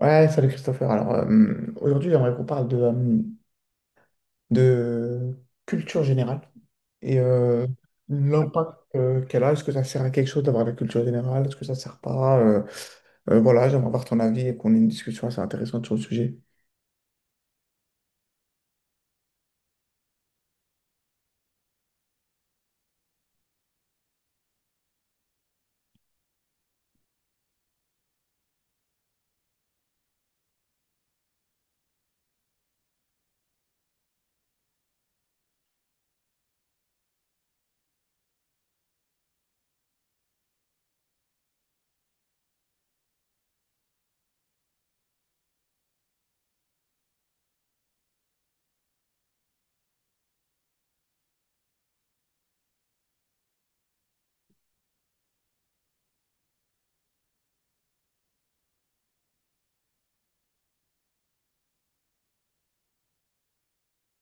Ouais, salut Christopher. Alors, aujourd'hui, j'aimerais qu'on parle de culture générale et l'impact qu'elle a. Est-ce que ça sert à quelque chose d'avoir la culture générale? Est-ce que ça sert pas? Voilà, j'aimerais avoir ton avis et qu'on ait une discussion assez intéressante sur le sujet.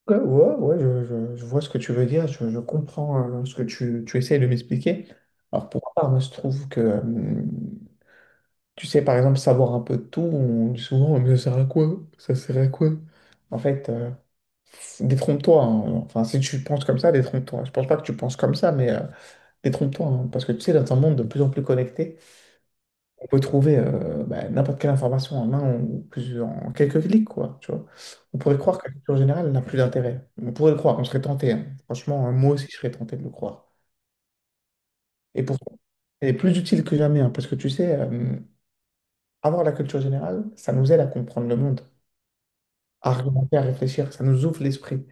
Ouais, ouais, ouais, je vois ce que tu veux dire, je comprends ce que tu essayes de m'expliquer. Alors, pour ma part, moi, je trouve que, tu sais, par exemple, savoir un peu de tout, on dit souvent, mais ça sert à quoi? Ça sert à quoi? En fait, détrompe-toi, hein. Enfin, si tu penses comme ça, détrompe-toi. Je pense pas que tu penses comme ça, mais détrompe-toi, hein. Parce que tu sais, dans un monde de plus en plus connecté, on peut trouver bah, n'importe quelle information en un ou plusieurs, en quelques clics, quoi. Tu vois. On pourrait croire que la culture générale n'a plus d'intérêt. On pourrait le croire, on serait tenté, hein. Franchement, hein, moi aussi, je serais tenté de le croire. Et pourtant, elle est plus utile que jamais, hein, parce que tu sais, avoir la culture générale, ça nous aide à comprendre le monde, à argumenter, à réfléchir, ça nous ouvre l'esprit.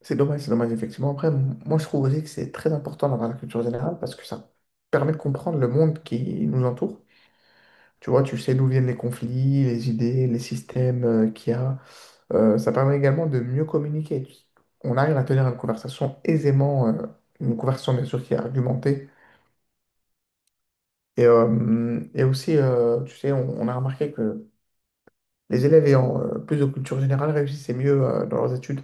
C'est dommage, effectivement. Après, moi, je trouve aussi que c'est très important d'avoir la culture générale parce que ça permet de comprendre le monde qui nous entoure. Tu vois, tu sais d'où viennent les conflits, les idées, les systèmes qu'il y a. Ça permet également de mieux communiquer. On arrive à tenir une conversation aisément, une conversation bien sûr qui est argumentée. Et aussi, tu sais, on a remarqué que les élèves ayant plus de culture générale réussissaient mieux dans leurs études.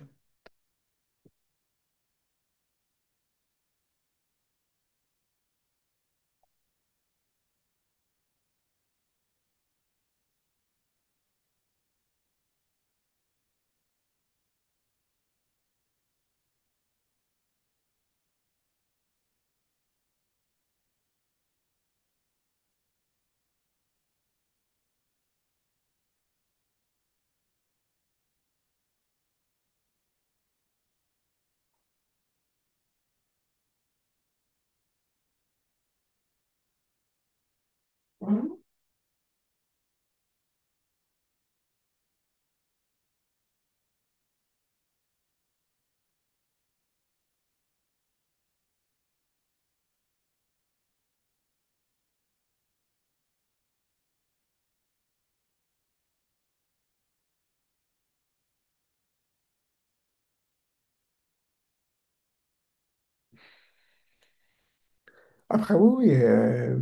Après, oui, oui,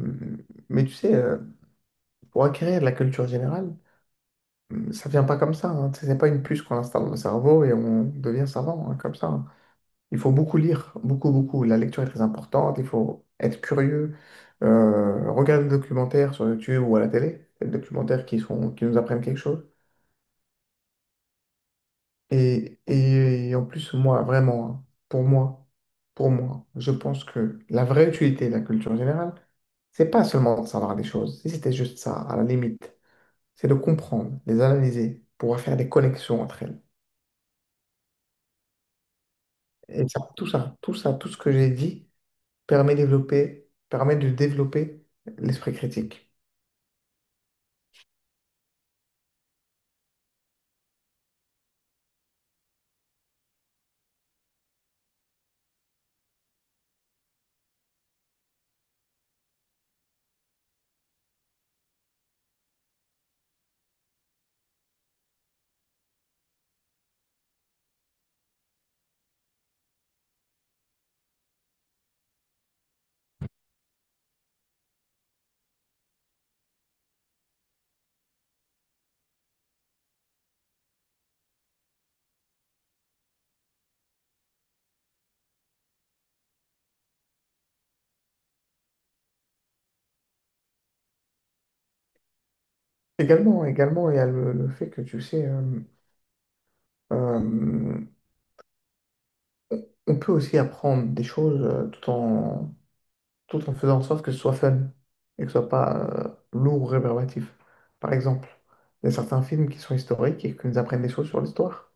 mais tu sais, pour acquérir de la culture générale, ça vient pas comme ça, hein. Tu sais, c'est pas une puce qu'on installe dans le cerveau et on devient savant hein, comme ça, hein. Il faut beaucoup lire, beaucoup, beaucoup. La lecture est très importante, il faut être curieux, regarder des documentaires sur YouTube ou à la télé, des documentaires qui sont, qui nous apprennent quelque chose. Et, en plus, moi, vraiment, hein, pour moi, je pense que la vraie utilité de la culture générale, c'est pas seulement de savoir des choses, si c'était juste ça, à la limite, c'est de comprendre, les analyser, pouvoir faire des connexions entre elles. Et ça, tout ça, tout ça, tout ce que j'ai dit, permet de développer l'esprit critique. Également, également, il y a le fait que, tu sais, euh, on peut aussi apprendre des choses tout en, tout en faisant en sorte que ce soit fun et que ce soit pas lourd ou rébarbatif. Par exemple, il y a certains films qui sont historiques et qui nous apprennent des choses sur l'histoire.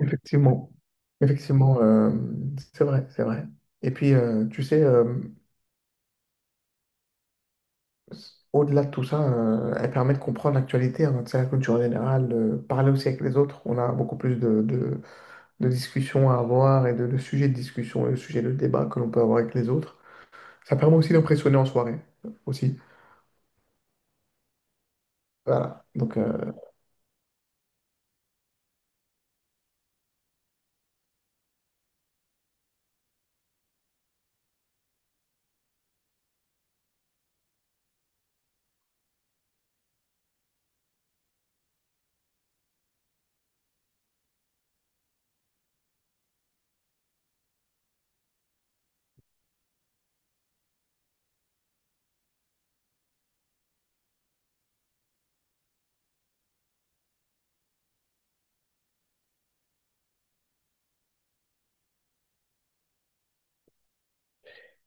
Effectivement, effectivement, c'est vrai, c'est vrai. Et puis, tu sais, au-delà de tout ça, elle permet de comprendre l'actualité, hein, tu sais, la culture générale, parler aussi avec les autres. On a beaucoup plus de, de discussions à avoir et de sujets de discussion, de sujets de débat que l'on peut avoir avec les autres. Ça permet aussi d'impressionner en soirée, aussi. Voilà. Donc,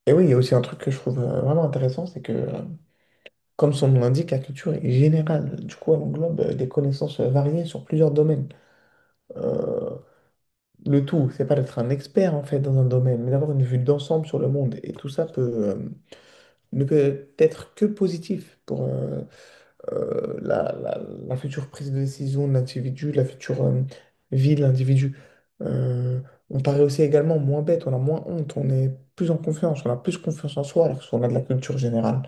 et oui, il y a aussi un truc que je trouve vraiment intéressant, c'est que, comme son nom l'indique, la culture est générale. Du coup, elle englobe des connaissances variées sur plusieurs domaines. Euh, le tout, c'est pas d'être un expert en fait dans un domaine, mais d'avoir une vue d'ensemble sur le monde. Et tout ça peut, ne peut être que positif pour la, la future prise de décision de l'individu, la future vie de l'individu. Euh, on paraît aussi également moins bête, on a moins honte, on est plus en confiance, on a plus confiance en soi alors qu'on a de la culture générale.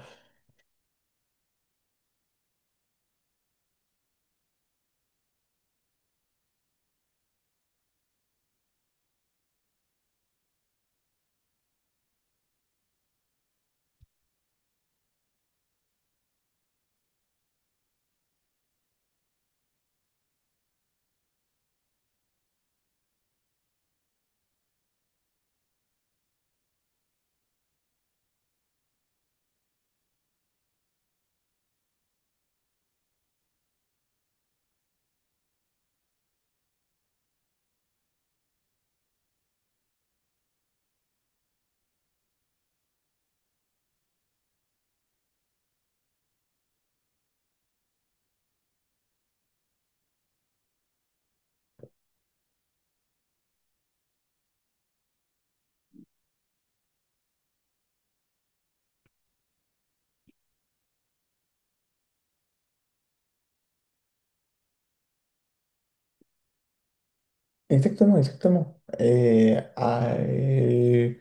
Exactement, exactement. Et, ah, et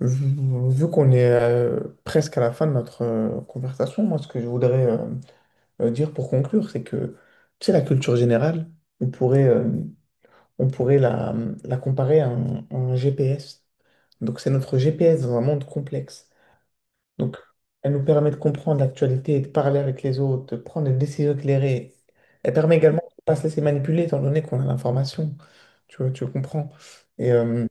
vu vu qu'on est presque à la fin de notre conversation, moi, ce que je voudrais dire pour conclure, c'est que, tu sais, la culture générale, on pourrait, euh, on pourrait la, la comparer à un GPS. Donc, c'est notre GPS dans un monde complexe. Donc, elle nous permet de comprendre l'actualité, de parler avec les autres, de prendre des décisions éclairées. Elle permet également de ne pas se laisser manipuler, étant donné qu'on a l'information. Tu vois, tu comprends. Et, euh,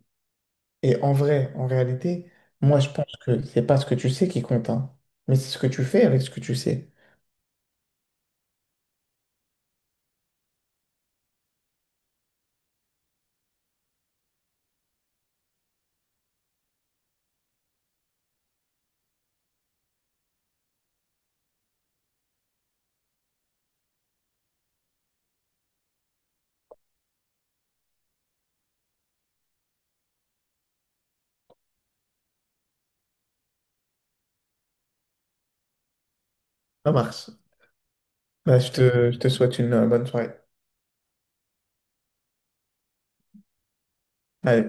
et en vrai, en réalité, moi, je pense que c'est pas ce que tu sais qui compte, hein, mais c'est ce que tu fais avec ce que tu sais. Ça marche. Bah, je te souhaite une bonne soirée. Ouais.